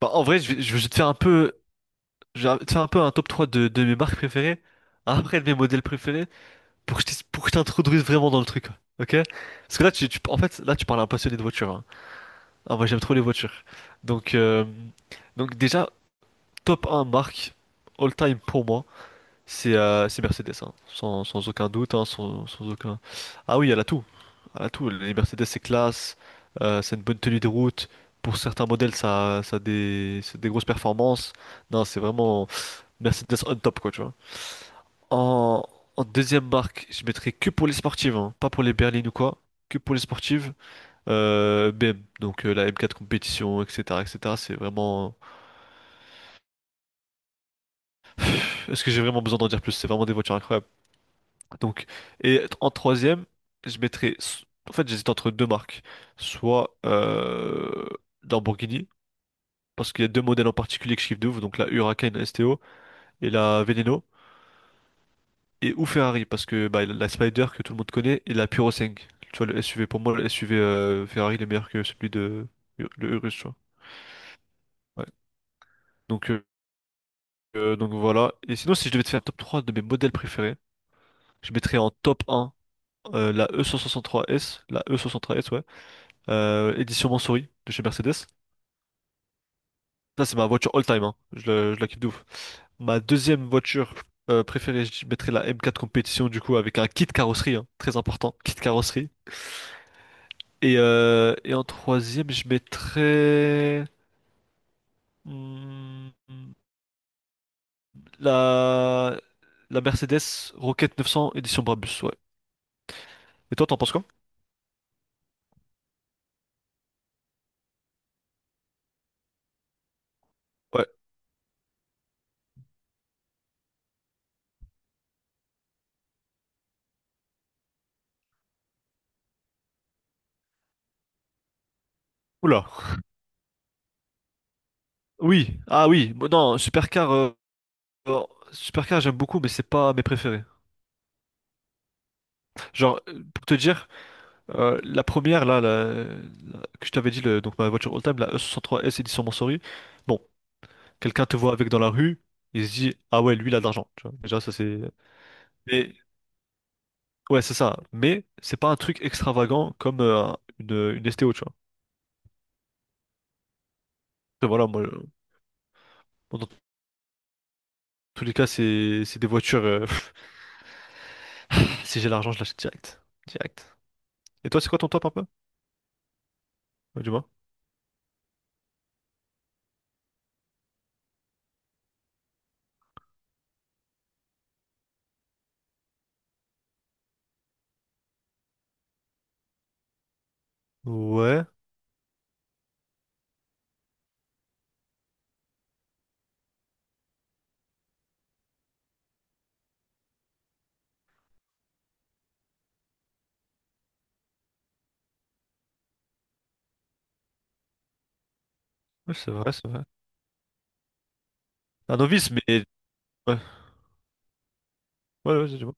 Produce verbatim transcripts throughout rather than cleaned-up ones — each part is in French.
Bah, en vrai, je vais, je vais te faire un peu, je vais te faire un peu un top trois de, de mes marques préférées, après de mes modèles préférés, pour que je t'ex- pour que je t'introduise vraiment dans le truc, ok? Parce que là, tu, tu- en fait, là, tu parles à un passionné de voiture, hein. Ah, moi, j'aime trop les voitures. Donc, euh, donc déjà, top un marque, all time pour moi. C'est euh, c'est Mercedes, hein. Sans, sans aucun doute, hein, sans, sans aucun. Ah oui, elle a tout. Elle a tout. Les Mercedes, c'est classe, euh, c'est une bonne tenue de route. Pour certains modèles, ça, ça a des, c'est des grosses performances. Non, c'est vraiment Mercedes on top, quoi, tu vois. En, en deuxième marque, je mettrais que pour les sportives, hein, pas pour les berlines ou quoi. Que pour les sportives. Euh, B M, donc euh, la M quatre compétition, et cetera, et cetera. C'est vraiment. Est-ce que j'ai vraiment besoin d'en dire plus? C'est vraiment des voitures incroyables. Donc, et en troisième, je mettrais. s- En fait, j'hésite entre deux marques. Soit euh, Lamborghini, parce qu'il y a deux modèles en particulier que je kiffe de ouf, donc la Huracan S T O et la Veneno. Et ou Ferrari, parce que bah, la Spider que tout le monde connaît et la Puro cinq. Tu vois, le S U V, pour moi, le S U V euh, Ferrari, il est meilleur que celui de Ur- le Urus, tu vois. Ouais. Donc, euh, euh, donc voilà. Et sinon, si je devais te faire un top trois de mes modèles préférés, je mettrais en top un euh, la e cent trois s la e trois s, ouais. Euh, édition Montsouris de chez Mercedes. Ça, c'est ma voiture all-time, hein. Je, le- je la kiffe de ouf. Ma deuxième voiture euh, préférée, je mettrais la M quatre Compétition, du coup, avec un kit carrosserie, hein, très important, kit carrosserie. Et, euh, et en troisième, je mettrais hmm, la, la Mercedes Rocket neuf cents édition Brabus, ouais. Et toi, t'en penses quoi? Ouais. Oula. Oui, ah oui, bon, non, Supercar, euh, alors, Supercar j'aime beaucoup, mais c'est pas mes préférés. Genre, euh, pour te dire, Euh, la première, là, la- la- que je t'avais dit, le- donc ma voiture all-time, la E soixante-trois S édition Mansory. Bon, quelqu'un te voit avec dans la rue, il se dit, ah ouais, lui, il a de l'argent, tu vois. Déjà, ça c'est. Mais, ouais, c'est ça. Mais, c'est pas un truc extravagant comme euh, une, une S T O, tu vois. Après, voilà, moi, euh, bon, dans tous les cas, c'est c'est des voitures. Euh, si j'ai l'argent, je l'achète direct. Direct. Et toi, c'est quoi ton top un peu? Ouais, dis-moi. Ouais, ouais, c'est vrai, c'est vrai. Un novice, mais. Ouais, ouais, ouais, dis-moi.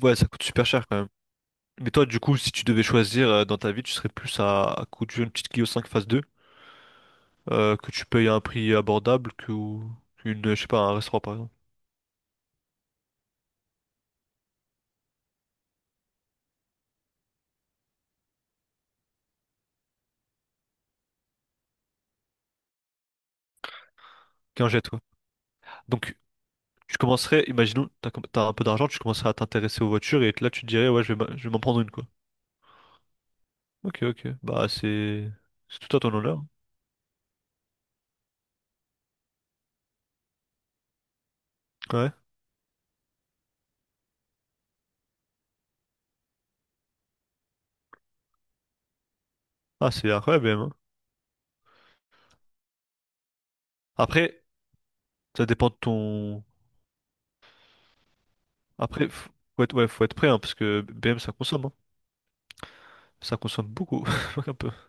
Ouais, ça coûte super cher quand même. Mais toi, du coup, si tu devais choisir euh, dans ta vie, tu serais plus à, à coup d'une petite Clio cinq phase deux, euh, que tu payes à un prix abordable que- ou qu'une, euh, je sais pas, un restaurant par exemple, qu'un jet, quoi. Donc, tu commencerais, imaginons, t'as, com- t'as un peu d'argent, tu commencerais à t'intéresser aux voitures et là, tu te dirais, ouais, je vais, m'a- je vais m'en prendre une, quoi. Ok, ok. Bah, c'est, c'est tout à ton honneur. Ouais. Ah, c'est incroyable, B M, hein. Après, ça dépend de ton. Après, f- faut être, ouais, faut être prêt, hein, parce que B M, ça consomme, hein. Ça consomme beaucoup.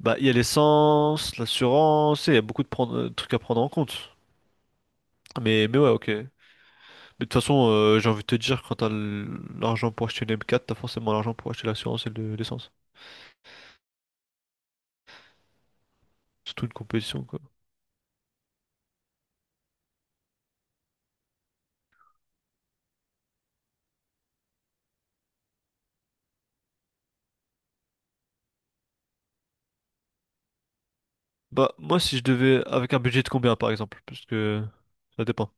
Bah, il y a l'essence, l'assurance, et il y a beaucoup de prendre- euh, trucs à prendre en compte. Mais, mais ouais, ok. Mais de toute façon, euh, j'ai envie de te dire, quand t'as l- l'argent pour acheter une M quatre, t'as forcément l'argent pour acheter l'assurance et le- l'essence. Surtout une compétition, quoi. Bah, moi, si je devais, avec un budget de combien, par exemple? Parce que ça dépend.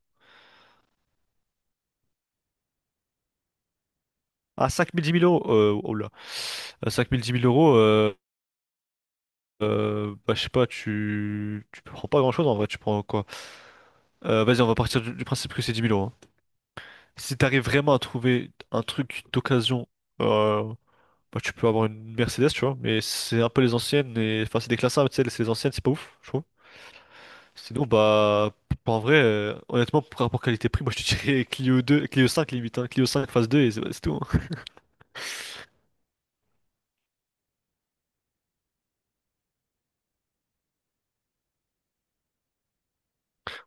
À cinq mille dix mille euros, euh, oh là. À cinq mille dix mille euros, euh, euh, bah, je sais pas, tu, tu prends pas grand-chose en vrai, tu prends quoi? Euh, vas-y, on va partir du, du principe que c'est dix mille euros, hein. Si t'arrives vraiment à trouver un truc d'occasion, euh, bah, tu peux avoir une Mercedes, tu vois, mais c'est un peu les anciennes, et enfin, c'est des classes A, mais tu sais, c'est les anciennes, c'est pas ouf, je trouve. Sinon, bah, en vrai, euh, honnêtement, par rapport qualité-prix, moi je te dirais Clio deux, Clio cinq limite, hein, Clio cinq phase deux, et c'est c'est tout, hein.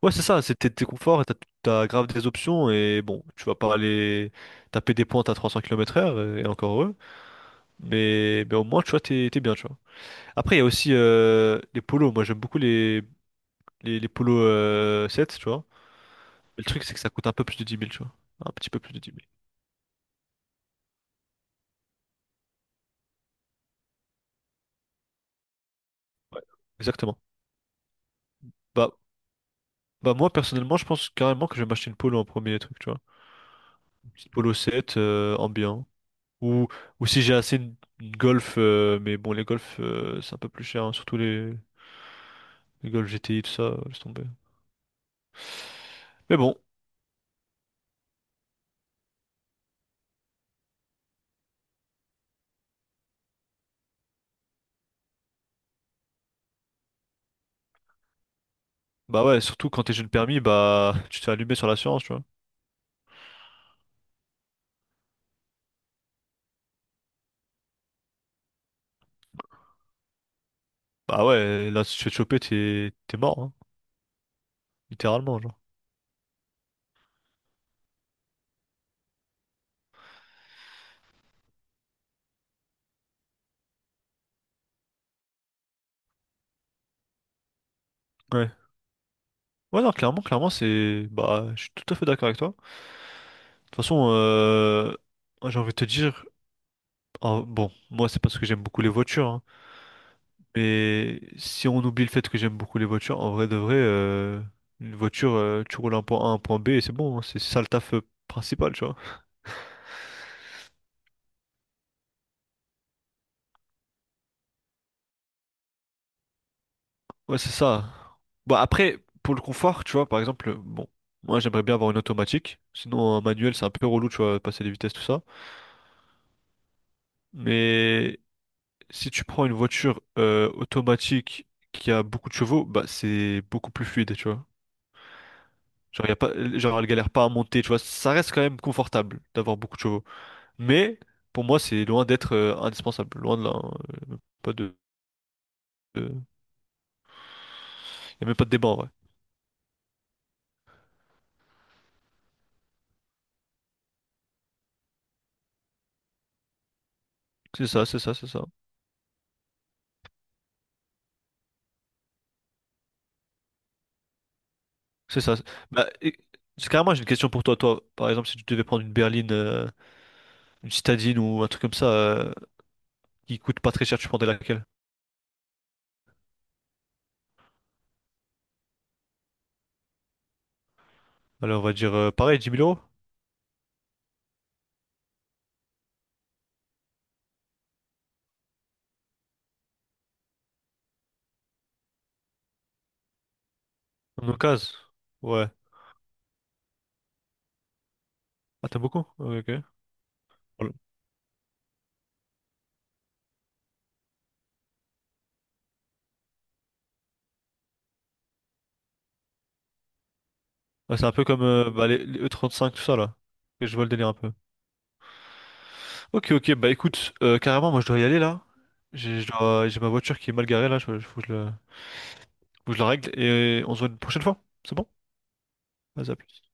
Ouais, c'est ça, c'est t'es t'es conforts et t'as t'as grave des options, et bon, tu vas pas aller taper des pointes à trois cents kilomètres heure, et encore heureux, mais, mais au moins, tu vois, t'es t'es bien, tu vois. Après, il y a aussi euh, les polos. Moi, j'aime beaucoup les, les, les polos euh, sept, tu vois. Mais le truc, c'est que ça coûte un peu plus de dix mille tu vois. Un petit peu plus de dix mille. Ouais. Exactement. Bah, bah moi, personnellement, je pense carrément que je vais m'acheter une polo en premier truc, tu vois. Une petite polo sept, euh, ambiant. Ou, ou si j'ai assez une, une Golf, euh, mais bon, les Golf, euh, c'est un peu plus cher, hein, surtout les, les Golf G T I, tout ça, euh, laisse tomber. Mais bon, bah ouais, surtout quand t'es jeune permis, bah, tu te fais allumer sur l'assurance, tu vois. Bah ouais, là, si tu te fais choper, t'es, t'es mort, hein, littéralement, genre. Ouais. Ouais, non, clairement, clairement, c'est. Bah, je suis tout à fait d'accord avec toi. De toute façon, euh, moi, j'ai envie de te dire. Ah, bon, moi, c'est parce que j'aime beaucoup les voitures, hein, mais si on oublie le fait que j'aime beaucoup les voitures, en vrai de vrai, euh, une voiture, euh, tu roules un point A, un point B et c'est bon, hein, c'est ça le taf euh, principal, tu vois. Ouais, c'est ça. Bah, après, pour le confort, tu vois, par exemple, bon, moi, j'aimerais bien avoir une automatique. Sinon, un manuel, c'est un peu relou, tu vois, passer les vitesses, tout ça. Mais. Si tu prends une voiture euh, automatique qui a beaucoup de chevaux, bah c'est beaucoup plus fluide, tu vois. Genre, y a pas, genre elle galère pas à monter, tu vois. Ça reste quand même confortable d'avoir beaucoup de chevaux. Mais pour moi, c'est loin d'être euh, indispensable. Loin de là, hein. Y a même Pas de, de- Y a même pas de débat en vrai. C'est ça, c'est ça, c'est ça. C'est ça. Bah, et- c'est carrément, j'ai une question pour toi. Toi, par exemple, si tu devais prendre une berline, euh, une citadine ou un truc comme ça euh, qui coûte pas très cher, tu prendrais laquelle? Alors, on va dire euh, pareil, dix mille euros? En occasion. Ouais. Ah, t'aimes beaucoup? Ok, ok. Voilà. Ouais, c'est un peu comme euh, bah, les, les E trente-cinq, tout ça, là. Et je vois le délire un peu. Ok, ok, bah écoute, euh, carrément, moi je dois y aller, là. J'ai je dois- j'ai ma voiture qui est mal garée, là, je, faut que je la, faut que je la règle, et on se voit une prochaine fois. C'est bon? Vas-y, à plus.